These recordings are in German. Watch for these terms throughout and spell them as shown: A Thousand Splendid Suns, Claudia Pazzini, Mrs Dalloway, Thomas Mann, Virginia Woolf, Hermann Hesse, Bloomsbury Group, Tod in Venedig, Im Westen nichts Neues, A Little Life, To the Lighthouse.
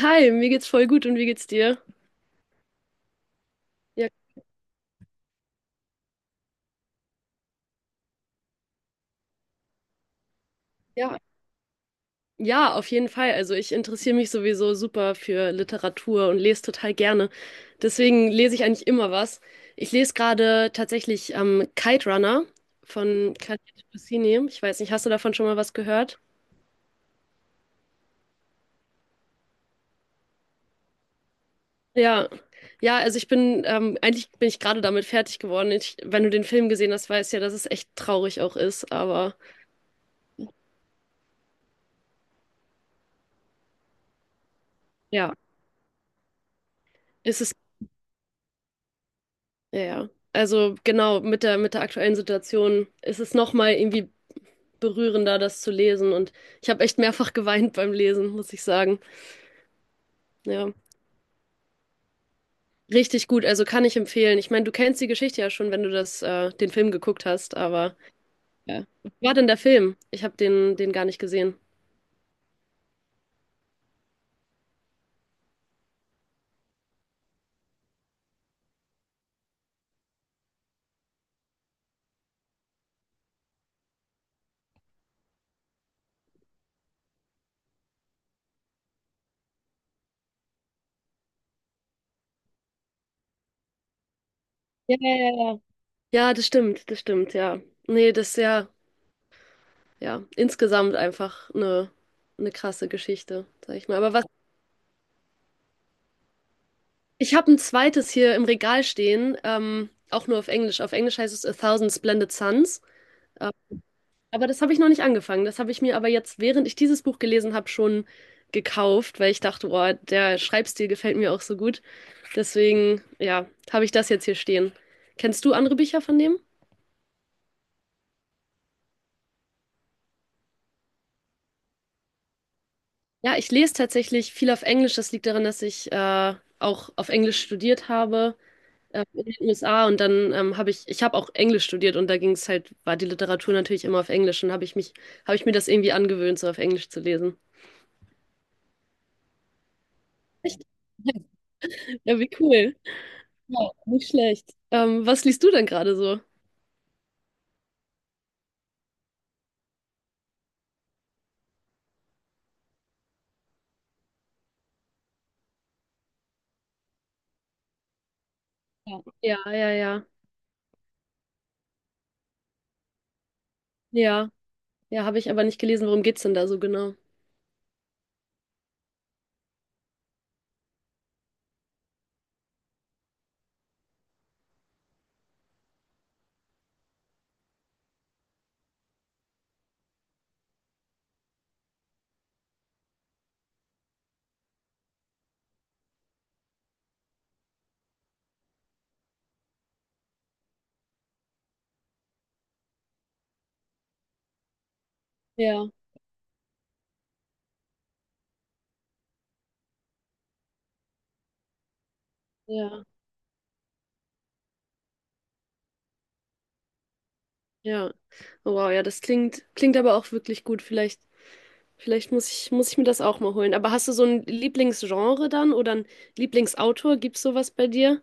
Hi, mir geht's voll gut und wie geht's dir? Ja, ja. Ja, auf jeden Fall. Also ich interessiere mich sowieso super für Literatur und lese total gerne. Deswegen lese ich eigentlich immer was. Ich lese gerade tatsächlich Kite Runner von Claudia Pazzini. Ich weiß nicht, hast du davon schon mal was gehört? Ja, ja, also eigentlich bin ich gerade damit fertig geworden. Wenn du den Film gesehen hast, weißt du ja, dass es echt traurig auch ist, aber ja, es ist. Ja, ja. Also genau, mit der aktuellen Situation ist es nochmal irgendwie berührender, das zu lesen. Und ich habe echt mehrfach geweint beim Lesen, muss ich sagen. Ja, richtig gut. Also kann ich empfehlen. Ich meine, du kennst die Geschichte ja schon, wenn du den Film geguckt hast, aber ja. Wie war denn der Film? Ich habe den gar nicht gesehen. Ja, ja, ja, ja. Ja, das stimmt, ja. Nee, das ist ja, ja, insgesamt einfach eine krasse Geschichte, sag ich mal. Aber was. Ich habe ein zweites hier im Regal stehen, auch nur auf Englisch. Auf Englisch heißt es A Thousand Splendid Suns. Äh, aber das habe ich noch nicht angefangen. Das habe ich mir aber jetzt, während ich dieses Buch gelesen habe, schon gekauft, weil ich dachte, boah, der Schreibstil gefällt mir auch so gut. Deswegen, ja, habe ich das jetzt hier stehen. Kennst du andere Bücher von dem? Ja, ich lese tatsächlich viel auf Englisch. Das liegt daran, dass ich auch auf Englisch studiert habe. In den USA und dann ich habe auch Englisch studiert und da ging es halt, war die Literatur natürlich immer auf Englisch und habe ich mir das irgendwie angewöhnt, so auf Englisch zu lesen. Echt? Ja, wie cool. Ja, nicht schlecht. Was liest du denn gerade so? Ja, ja, ja, ja. Ja, ja, habe ich aber nicht gelesen. Worum geht's denn da so genau? Ja, ja, ja. Oh, wow, ja, das klingt aber auch wirklich gut. Vielleicht muss ich mir das auch mal holen. Aber hast du so ein Lieblingsgenre dann oder ein Lieblingsautor? Gibt's sowas bei dir?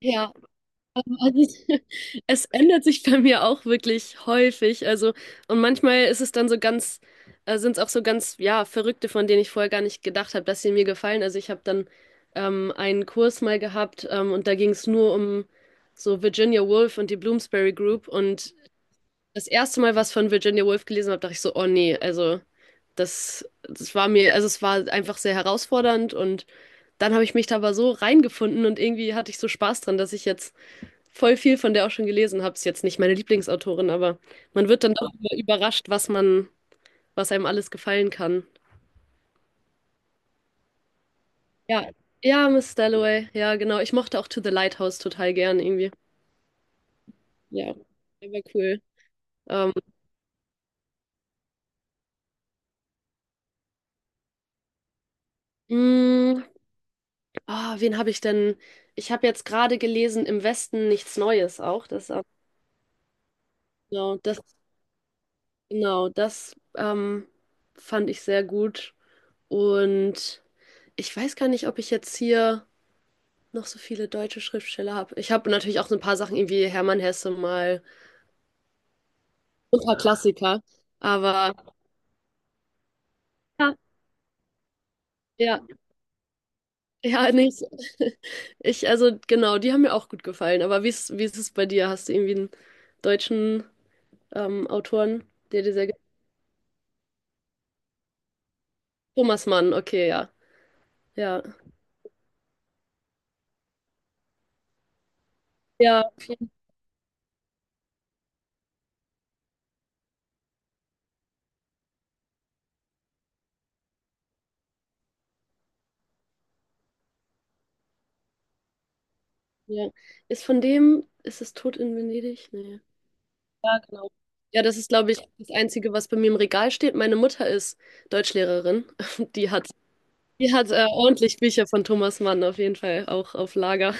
Ja. Also es ändert sich bei mir auch wirklich häufig. Also, und manchmal ist es dann sind es auch so ganz, ja, Verrückte, von denen ich vorher gar nicht gedacht habe, dass sie mir gefallen. Also ich habe dann einen Kurs mal gehabt und da ging es nur um so Virginia Woolf und die Bloomsbury Group. Und das erste Mal, was von Virginia Woolf gelesen habe, dachte ich so, oh nee, also es war einfach sehr herausfordernd und dann habe ich mich da aber so reingefunden und irgendwie hatte ich so Spaß dran, dass ich jetzt voll viel von der auch schon gelesen habe. Ist jetzt nicht meine Lieblingsautorin, aber man wird dann doch überrascht, was einem alles gefallen kann. Ja, ja, Miss Dalloway. Ja, genau. Ich mochte auch To the Lighthouse total gern irgendwie. Ja, der war cool. Ähm, mh, wen habe ich denn? Ich habe jetzt gerade gelesen, Im Westen nichts Neues auch. Das, genau, das, genau, das fand ich sehr gut. Und ich weiß gar nicht, ob ich jetzt hier noch so viele deutsche Schriftsteller habe. Ich habe natürlich auch so ein paar Sachen, irgendwie Hermann Hesse mal, so ein paar Klassiker. Aber ja, ja, ja, nee, ich, ich, also genau, die haben mir auch gut gefallen. Aber wie ist es bei dir? Hast du irgendwie einen deutschen Autoren, der dir sehr. Thomas Mann, okay, ja. Ja, ja, ja. Ist es Tod in Venedig? Nee. Ja, genau. Ja, das ist, glaube ich, das Einzige, was bei mir im Regal steht. Meine Mutter ist Deutschlehrerin. Die hat ordentlich Bücher von Thomas Mann auf jeden Fall auch auf Lager.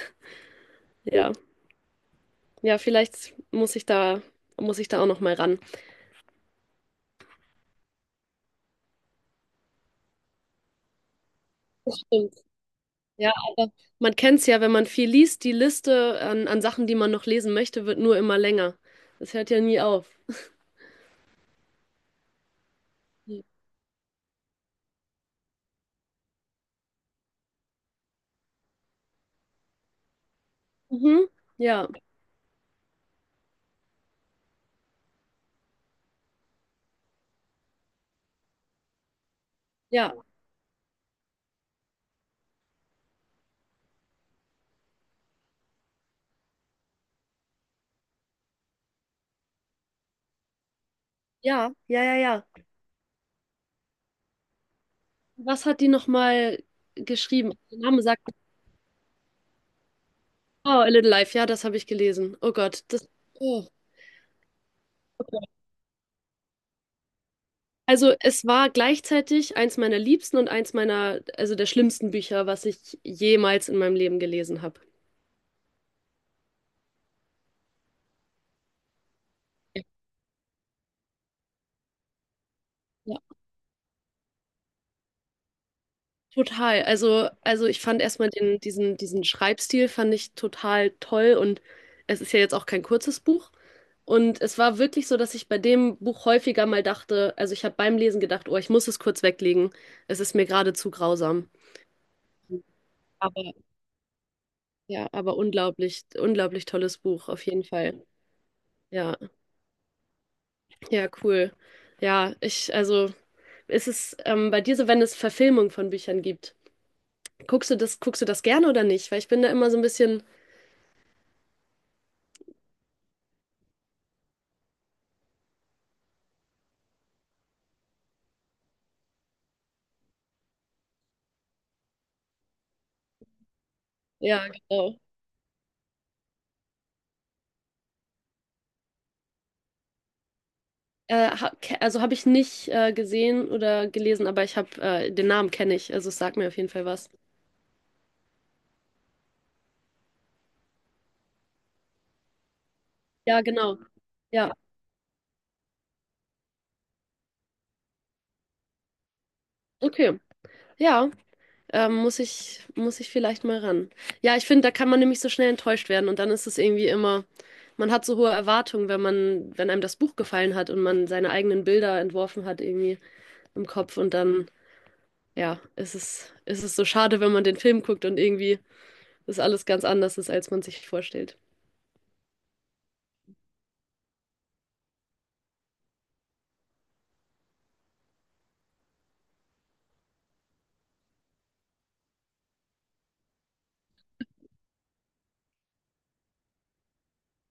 Ja, ja, vielleicht muss ich da auch noch mal ran. Stimmt. Ja, aber man kennt's ja, wenn man viel liest, die Liste an Sachen, die man noch lesen möchte, wird nur immer länger. Das hört ja nie auf. Mhm. Ja, ja, ja, ja, ja, ja. Was hat die noch mal geschrieben? Der Name sagt, oh, A Little Life. Ja, das habe ich gelesen. Oh Gott, das. Oh. Also es war gleichzeitig eins meiner liebsten und eins meiner, also der schlimmsten Bücher, was ich jemals in meinem Leben gelesen habe. Ja. Total. Also, ich fand erstmal diesen Schreibstil fand ich total toll und es ist ja jetzt auch kein kurzes Buch. Und es war wirklich so, dass ich bei dem Buch häufiger mal dachte, also ich habe beim Lesen gedacht, oh, ich muss es kurz weglegen. Es ist mir gerade zu grausam. Aber ja, aber unglaublich, unglaublich tolles Buch, auf jeden Fall. Ja. Ja, cool. Ja, also, ist es bei dir so, wenn es Verfilmung von Büchern gibt? Guckst du das gerne oder nicht? Weil ich bin da immer so ein bisschen, ja, genau. Also habe ich nicht gesehen oder gelesen, aber ich habe den Namen kenne ich, also es sagt mir auf jeden Fall was. Ja, genau. Ja, okay. Ja, muss ich vielleicht mal ran. Ja, ich finde, da kann man nämlich so schnell enttäuscht werden und dann ist es irgendwie immer, man hat so hohe Erwartungen, wenn einem das Buch gefallen hat und man seine eigenen Bilder entworfen hat irgendwie im Kopf und dann, ja, ist es so schade, wenn man den Film guckt und irgendwie das alles ganz anders ist, als man sich vorstellt.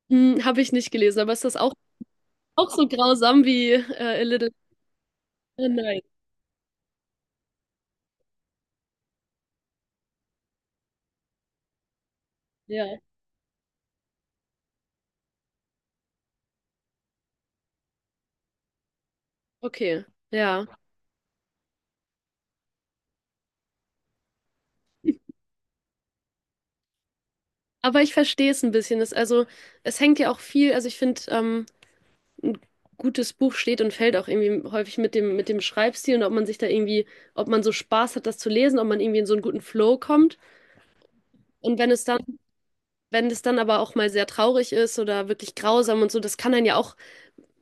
Hm, habe ich nicht gelesen, aber ist das auch, auch so grausam wie A Little Nein. Ja. Okay, ja. Aber ich verstehe es ein bisschen. Also, es hängt ja auch viel, also ich finde, ein gutes Buch steht und fällt auch irgendwie häufig mit dem Schreibstil und ob man sich da irgendwie, ob man so Spaß hat, das zu lesen, ob man irgendwie in so einen guten Flow kommt. Und wenn es dann Wenn das dann aber auch mal sehr traurig ist oder wirklich grausam und so, das kann einen ja auch,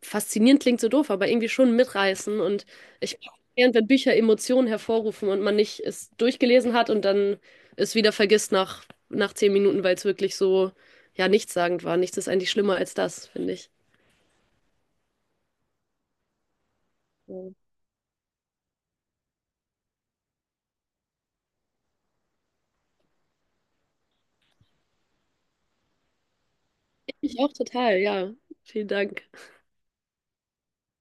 faszinierend klingt so doof, aber irgendwie schon mitreißen. Und ich während wenn Bücher Emotionen hervorrufen und man nicht es durchgelesen hat und dann es wieder vergisst nach 10 Minuten, weil es wirklich so, ja, nichtssagend war. Nichts ist eigentlich schlimmer als das, finde ich. Ja. Ich mich auch total, ja. Vielen Dank.